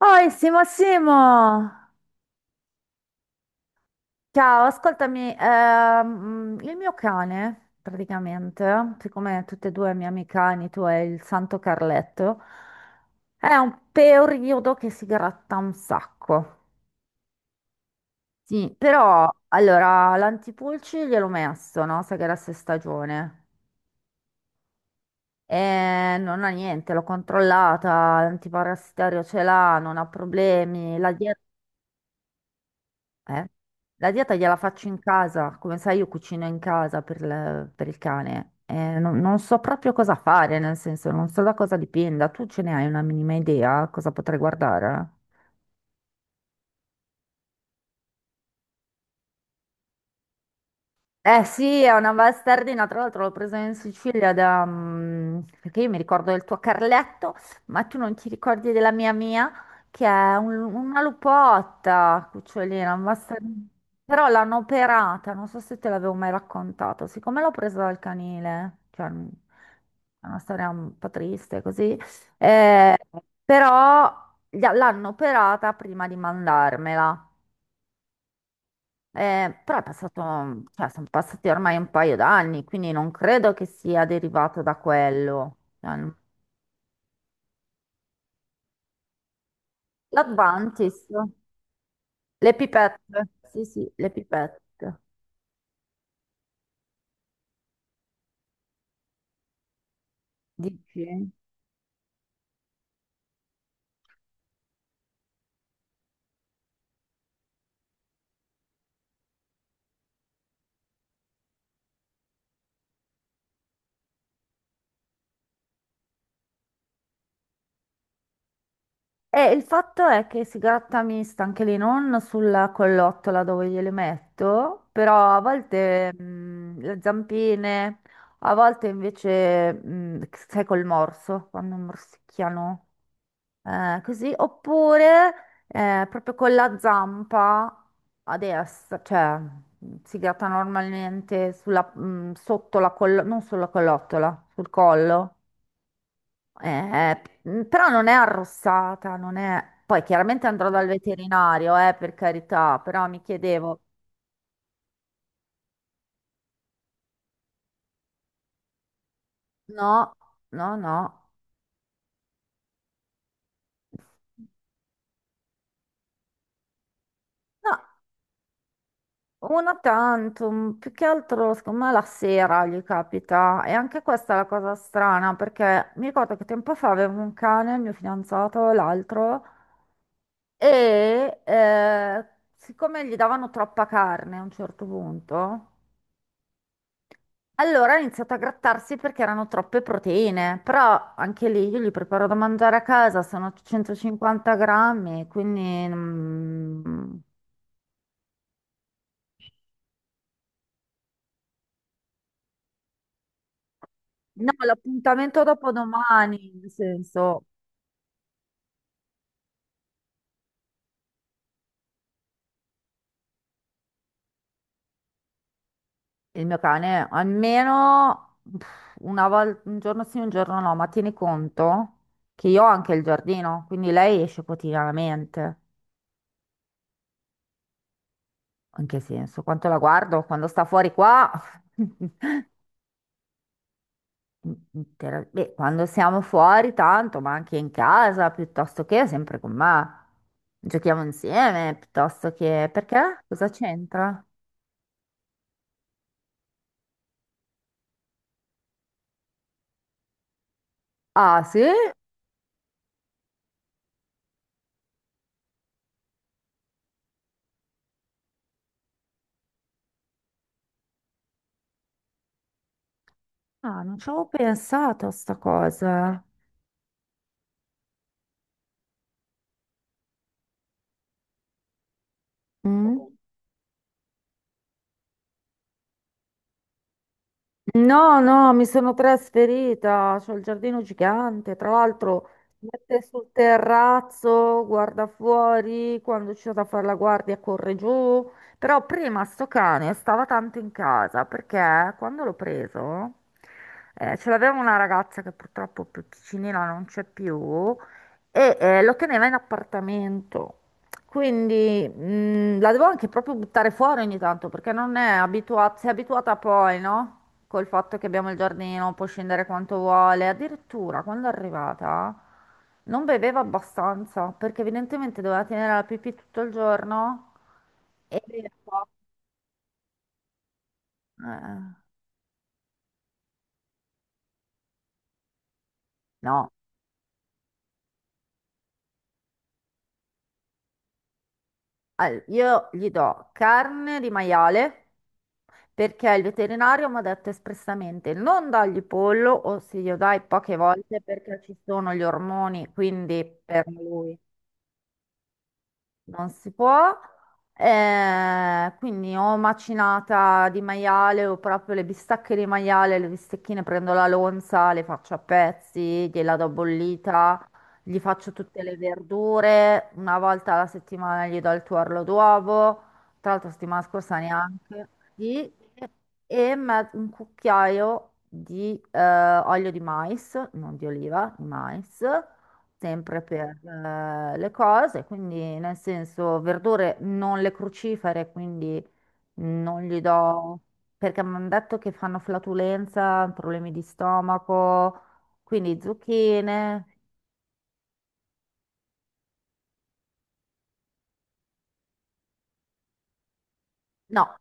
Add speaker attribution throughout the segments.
Speaker 1: Oi, Simo, Simo! Ciao, ascoltami, il mio cane, praticamente, siccome tutte e due i miei amici cani, tu e il Santo Carletto, è un periodo che si gratta un sacco. Sì, però, allora, l'antipulci gliel'ho messo, no? Sai che era se stagione. E non ha niente, l'ho controllata, l'antiparassitario ce l'ha, non ha problemi, la dieta. Eh? La dieta gliela faccio in casa, come sai io cucino in casa per il cane. Non so proprio cosa fare, nel senso non so da cosa dipenda. Tu ce ne hai una minima idea cosa potrei guardare? Eh sì, è una bastardina, tra l'altro l'ho presa in Sicilia da perché io mi ricordo del tuo Carletto, ma tu non ti ricordi della mia Mia, che è una lupotta, cucciolina, una bastardina. Però l'hanno operata, non so se te l'avevo mai raccontato, siccome l'ho presa dal canile, cioè è una storia un po' triste così, eh, però l'hanno operata prima di mandarmela. Però è passato, cioè, sono passati ormai un paio d'anni, quindi non credo che sia derivato da quello. Cioè, L'Advantis, le pipette, sì, sì, le pipette. Dici? E il fatto è che si gratta mista anche lì, non sulla collottola dove gliele metto, però a volte le zampine, a volte invece, sai, col morso, quando morsicchiano. Così, oppure proprio con la zampa a destra, cioè si gratta normalmente sotto la collo, non sulla collottola, sul collo. Eh, Però non è arrossata, non è... Poi chiaramente andrò dal veterinario, per carità, però mi chiedevo, no, no, no. No, una tantum, più che altro, secondo me la sera gli capita. E anche questa è la cosa strana, perché mi ricordo che tempo fa avevo un cane, il mio fidanzato, l'altro, e siccome gli davano troppa carne a un certo punto, allora ha iniziato a grattarsi perché erano troppe proteine. Però anche lì io gli preparo da mangiare a casa, sono 150 grammi, quindi... No, l'appuntamento dopo domani, nel senso... Il mio cane almeno pff, una volta, un giorno sì, un giorno no, ma tieni conto che io ho anche il giardino, quindi lei esce quotidianamente. In che senso? Quanto la guardo? Quando sta fuori qua? Intera- Beh, quando siamo fuori tanto, ma anche in casa, piuttosto che sempre con me. Giochiamo insieme, piuttosto che... Perché? Cosa c'entra? Ah, sì? Ah, non ci avevo pensato a sta cosa. Mm? No, no, mi sono trasferita, c'ho il giardino gigante, tra l'altro si mette sul terrazzo, guarda fuori, quando c'è da fare la guardia corre giù, però prima sto cane stava tanto in casa perché quando l'ho preso ce l'aveva una ragazza che purtroppo più piccinina non c'è più e lo teneva in appartamento. Quindi la devo anche proprio buttare fuori ogni tanto perché non è abituata, si è abituata poi, no? Col fatto che abbiamo il giardino, può scendere quanto vuole. Addirittura quando è arrivata non beveva abbastanza perché evidentemente doveva tenere la pipì tutto il giorno e beve poco. Eh, no. Al- Io gli do carne di maiale perché il veterinario mi ha detto espressamente non dargli pollo o se glielo dai poche volte perché ci sono gli ormoni, quindi per lui non si può. Quindi o macinata di maiale o proprio le bistecche di maiale, le bistecchine prendo la lonza, le faccio a pezzi, gliela do bollita, gli faccio tutte le verdure, una volta alla settimana gli do il tuorlo d'uovo, tra l'altro settimana scorsa neanche, sì, e un cucchiaio di olio di mais, non di oliva, di mais sempre per le cose, quindi nel senso verdure non le crucifere, quindi non gli do perché mi hanno detto che fanno flatulenza, problemi di stomaco, quindi zucchine, no,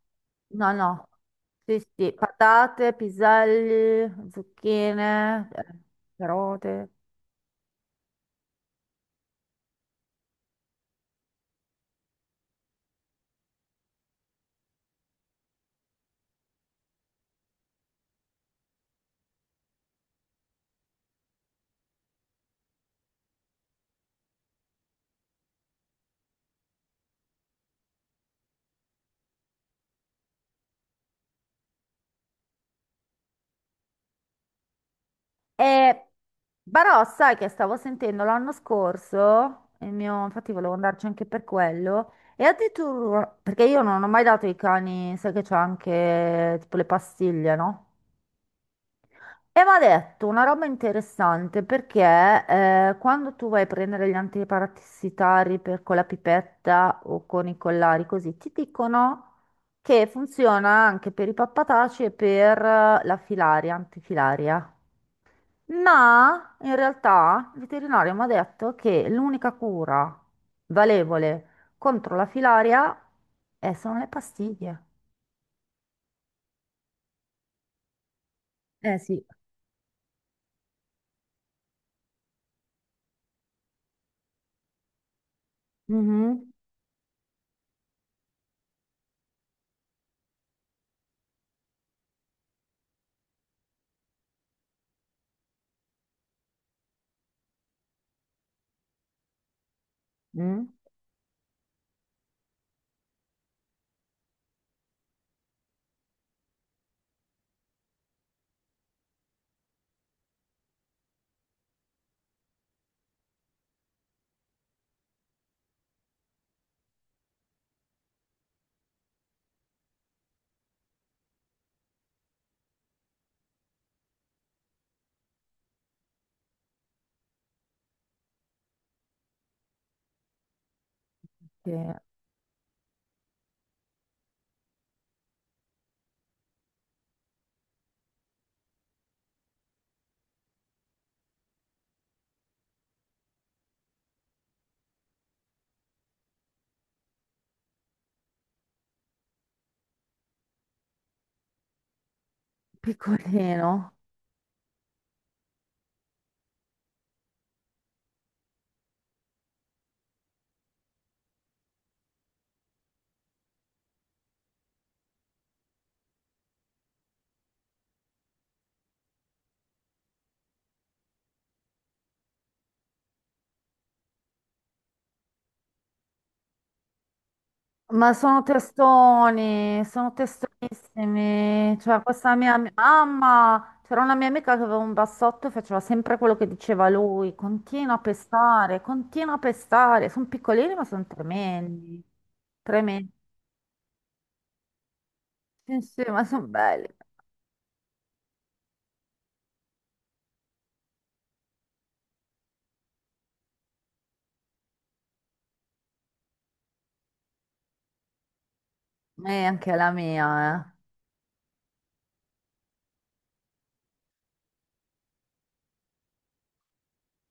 Speaker 1: no, no, sì, sì, patate, piselli, zucchine, carote. E Barò, sai che stavo sentendo l'anno scorso, il mio, infatti volevo andarci anche per quello, e addirittura, perché io non ho mai dato i cani, sai che c'ho anche tipo le pastiglie, no? E mi ha detto una roba interessante perché quando tu vai a prendere gli antiparassitari con la pipetta o con i collari così, ti dicono che funziona anche per i pappataci e per la filaria, antifilaria. No, in realtà il veterinario mi ha detto che l'unica cura valevole contro la filaria sono le pastiglie. Eh sì, mhm. Mm. Che piccolino. Ma sono testoni, sono testonissimi. Cioè, questa mia mamma, c'era una mia amica che aveva un bassotto e faceva sempre quello che diceva lui. Continua a pestare, continua a pestare. Sono piccolini, ma sono tremendi. Tremendi. Sì, sì, ma sono belli. E anche la mia, eh.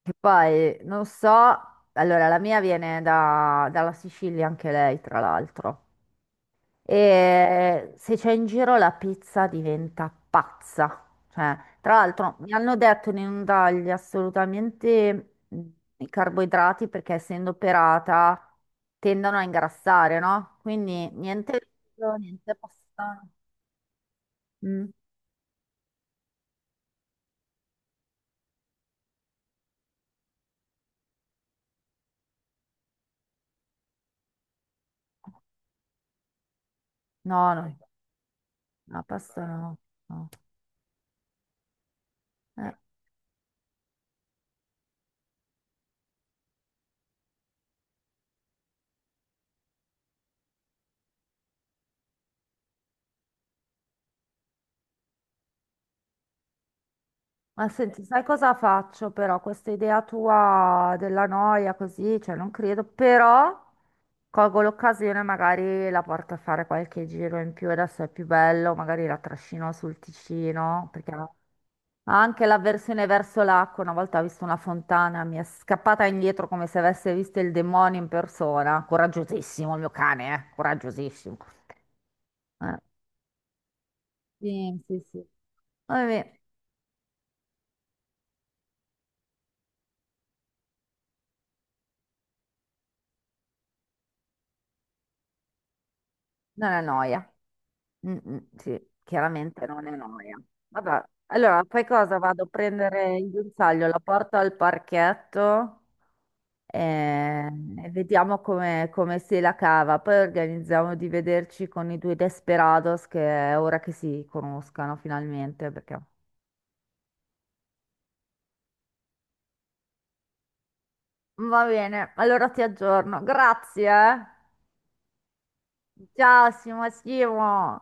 Speaker 1: Che poi non so, allora la mia viene dalla Sicilia anche lei, tra l'altro. E se c'è in giro la pizza diventa pazza. Cioè, tra l'altro mi hanno detto di non dargli assolutamente i carboidrati perché essendo operata tendono a ingrassare, no? Quindi niente riso, niente pasta. Mm. No, no, la pasta no. No. Eh. Ma senti, sai cosa faccio però? Questa idea tua della noia così, cioè non credo, però colgo l'occasione, magari la porto a fare qualche giro in più, adesso è più bello, magari la trascino sul Ticino, perché ha anche l'avversione verso l'acqua, una volta ho visto una fontana, mi è scappata indietro come se avesse visto il demonio in persona, coraggiosissimo il mio cane, eh? Coraggiosissimo. Eh, sì, sì, sì. Vabbè, non è noia. Mm, mm, sì, chiaramente non è noia. Vabbè, allora fai cosa? Vado a prendere il guinzaglio, la porto al parchetto e, e vediamo come, come si la cava. Poi organizziamo di vederci con i due desperados che è ora che si conoscano finalmente. Perché... Va bene, allora ti aggiorno. Grazie. Ciao, Simo, Simo.